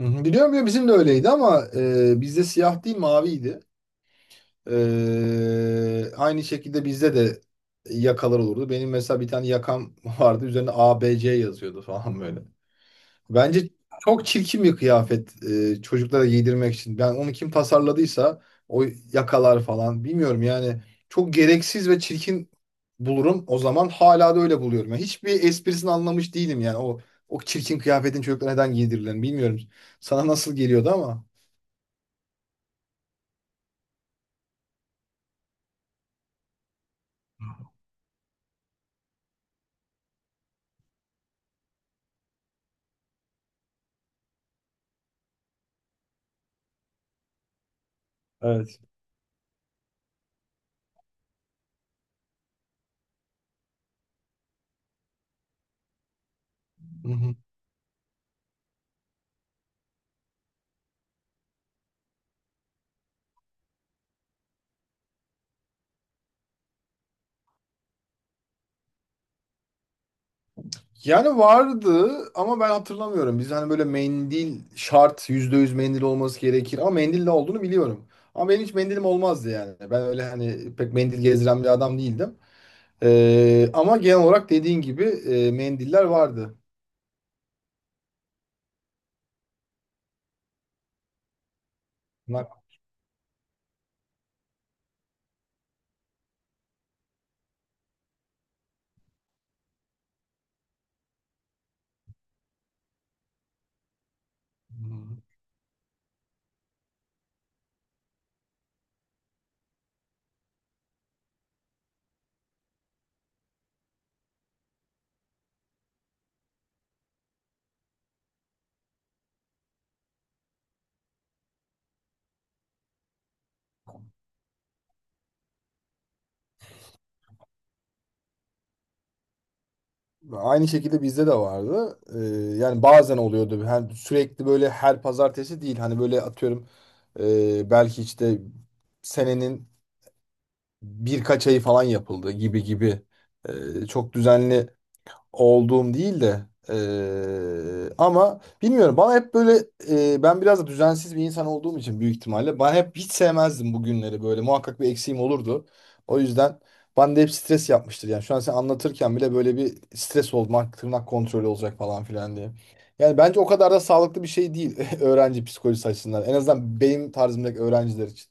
Hı hı. Biliyorum ya bizim de öyleydi ama bizde siyah değil maviydi. Aynı şekilde bizde de yakalar olurdu. Benim mesela bir tane yakam vardı. Üzerine A B C yazıyordu falan böyle. Bence çok çirkin bir kıyafet çocuklara giydirmek için. Ben onu kim tasarladıysa o yakalar falan bilmiyorum yani çok gereksiz ve çirkin bulurum. O zaman hala da öyle buluyorum. Yani hiçbir esprisini anlamış değilim yani o çirkin kıyafetin çocuklara neden giydirilen bilmiyorum. Sana nasıl geliyordu ama. Evet. Yani vardı ama ben hatırlamıyorum. Biz hani böyle mendil şart %100 mendil olması gerekir ama mendil ne olduğunu biliyorum. Ama benim hiç mendilim olmazdı yani. Ben öyle hani pek mendil gezdiren bir adam değildim. Ama genel olarak dediğin gibi mendiller vardı. Bunlar- Aynı şekilde bizde de vardı. Yani bazen oluyordu. Yani sürekli böyle her pazartesi değil. Hani böyle atıyorum belki işte senenin birkaç ay falan yapıldı gibi gibi. Çok düzenli olduğum değil de ama bilmiyorum bana hep böyle ben biraz da düzensiz bir insan olduğum için büyük ihtimalle ben hep hiç sevmezdim bu günleri böyle muhakkak bir eksiğim olurdu. O yüzden bana da hep stres yapmıştır yani şu an sen anlatırken bile böyle bir stres olmak tırnak kontrolü olacak falan filan diye. Yani bence o kadar da sağlıklı bir şey değil öğrenci psikolojisi açısından en azından benim tarzımdaki öğrenciler için.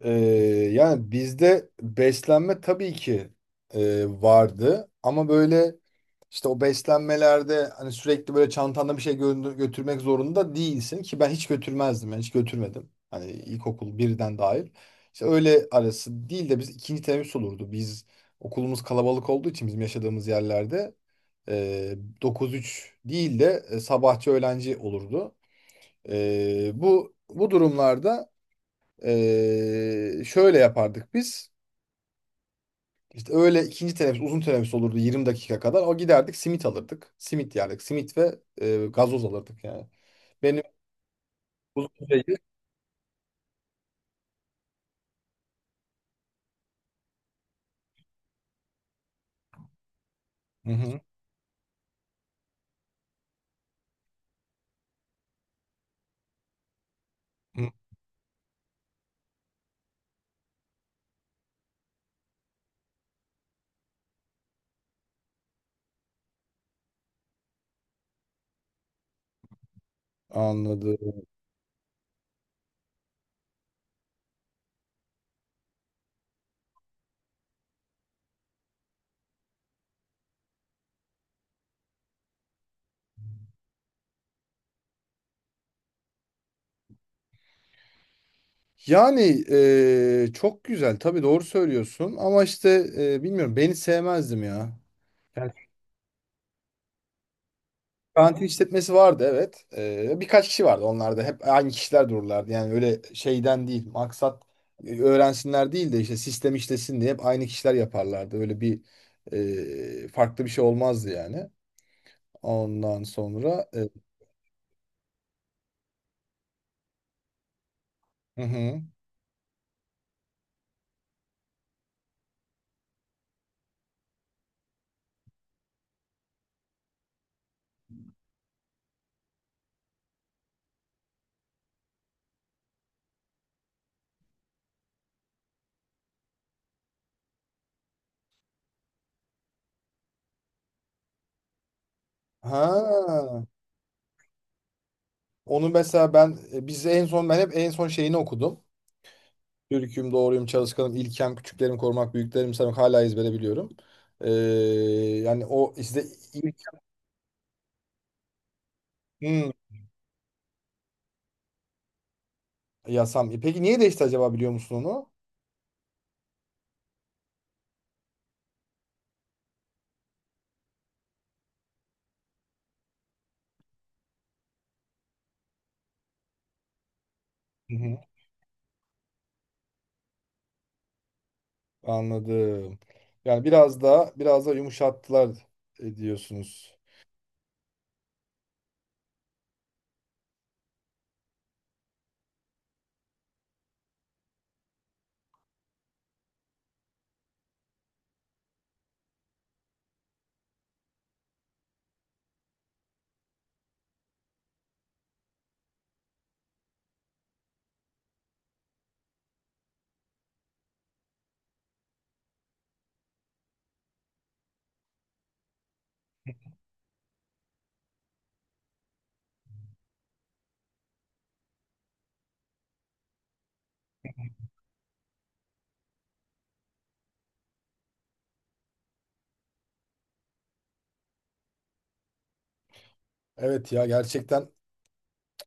Ee, Yani bizde beslenme tabii ki vardı ama böyle işte o beslenmelerde hani sürekli böyle çantanda bir şey götürmek zorunda değilsin ki ben hiç götürmezdim yani hiç götürmedim. Hani ilkokul birden dahil. İşte öyle arası değil de biz ikinci teneffüs olurdu. Biz okulumuz kalabalık olduğu için bizim yaşadığımız yerlerde e, 9-3 değil de sabahçı öğlenci olurdu. Bu durumlarda şöyle yapardık biz. İşte öğle ikinci teneffüs uzun teneffüs olurdu 20 dakika kadar. O giderdik simit alırdık. Simit yerdik. Simit ve gazoz alırdık yani. Benim uzun süredir... Hı hı. Hı. Anladım. Yani çok güzel. Tabii doğru söylüyorsun. Ama işte bilmiyorum. Ben hiç sevmezdim ya. Yani karantin işletmesi vardı, evet. Birkaç kişi vardı. Onlar da hep aynı kişiler dururlardı. Yani öyle şeyden değil. Maksat öğrensinler değil de işte sistem işlesin diye hep aynı kişiler yaparlardı. Öyle bir farklı bir şey olmazdı yani. Ondan sonra. Hı hı. Ha, onu mesela ben biz en son ben hep en son şeyini okudum. Türk'üm, doğruyum, çalışkanım, ilkem, küçüklerimi korumak, büyüklerimi sevmek hala ezbere biliyorum. Ee, Yani o işte ilk, Hmm. Yasam. Peki niye değişti acaba biliyor musun onu? Hı hı. Anladım. Yani biraz da biraz da yumuşattılar, diyorsunuz. Evet ya, gerçekten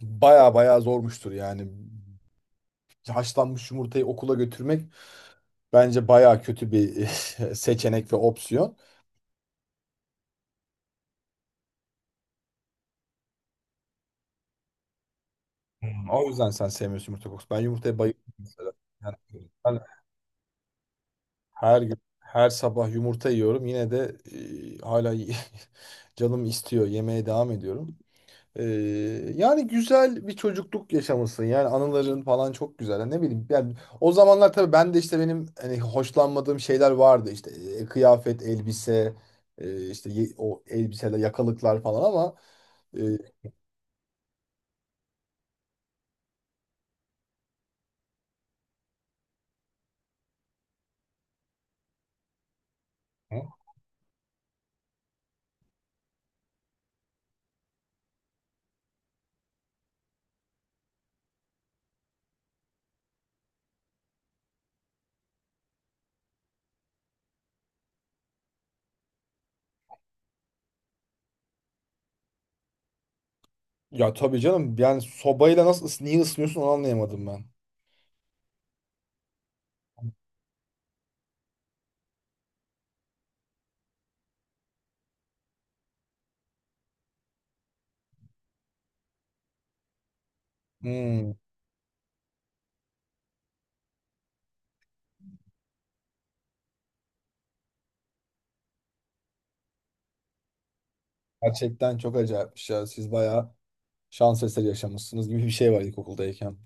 baya baya zormuştur yani. Haşlanmış yumurtayı okula götürmek bence baya kötü bir seçenek ve opsiyon. Hı. O yüzden sen sevmiyorsun yumurta kokusu. Ben yumurtaya bayılıyorum mesela. Yani ben her gün her sabah yumurta yiyorum. Yine de hala canım istiyor. Yemeye devam ediyorum. Ee, Yani güzel bir çocukluk yaşamışsın. Yani anıların falan çok güzel. Yani ne bileyim. Yani o zamanlar tabii ben de işte benim hani hoşlanmadığım şeyler vardı. İşte kıyafet, elbise, işte o elbiseler, yakalıklar falan ama e, ya tabii canım yani sobayla nasıl niye ısınıyorsun onu anlayamadım ben. Hmm, Gerçekten çok acayipmiş ya. Siz bayağı şans eseri yaşamışsınız gibi bir şey var ilkokuldayken.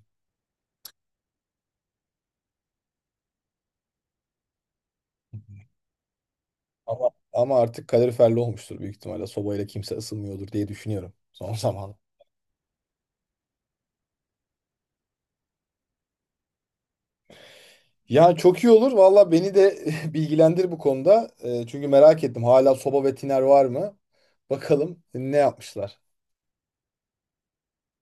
Ama artık kaloriferli olmuştur büyük ihtimalle. Sobayla kimse ısınmıyordur diye düşünüyorum son zaman. Ya çok iyi olur. Valla beni de bilgilendir bu konuda. Çünkü merak ettim. Hala soba ve tiner var mı? Bakalım ne yapmışlar.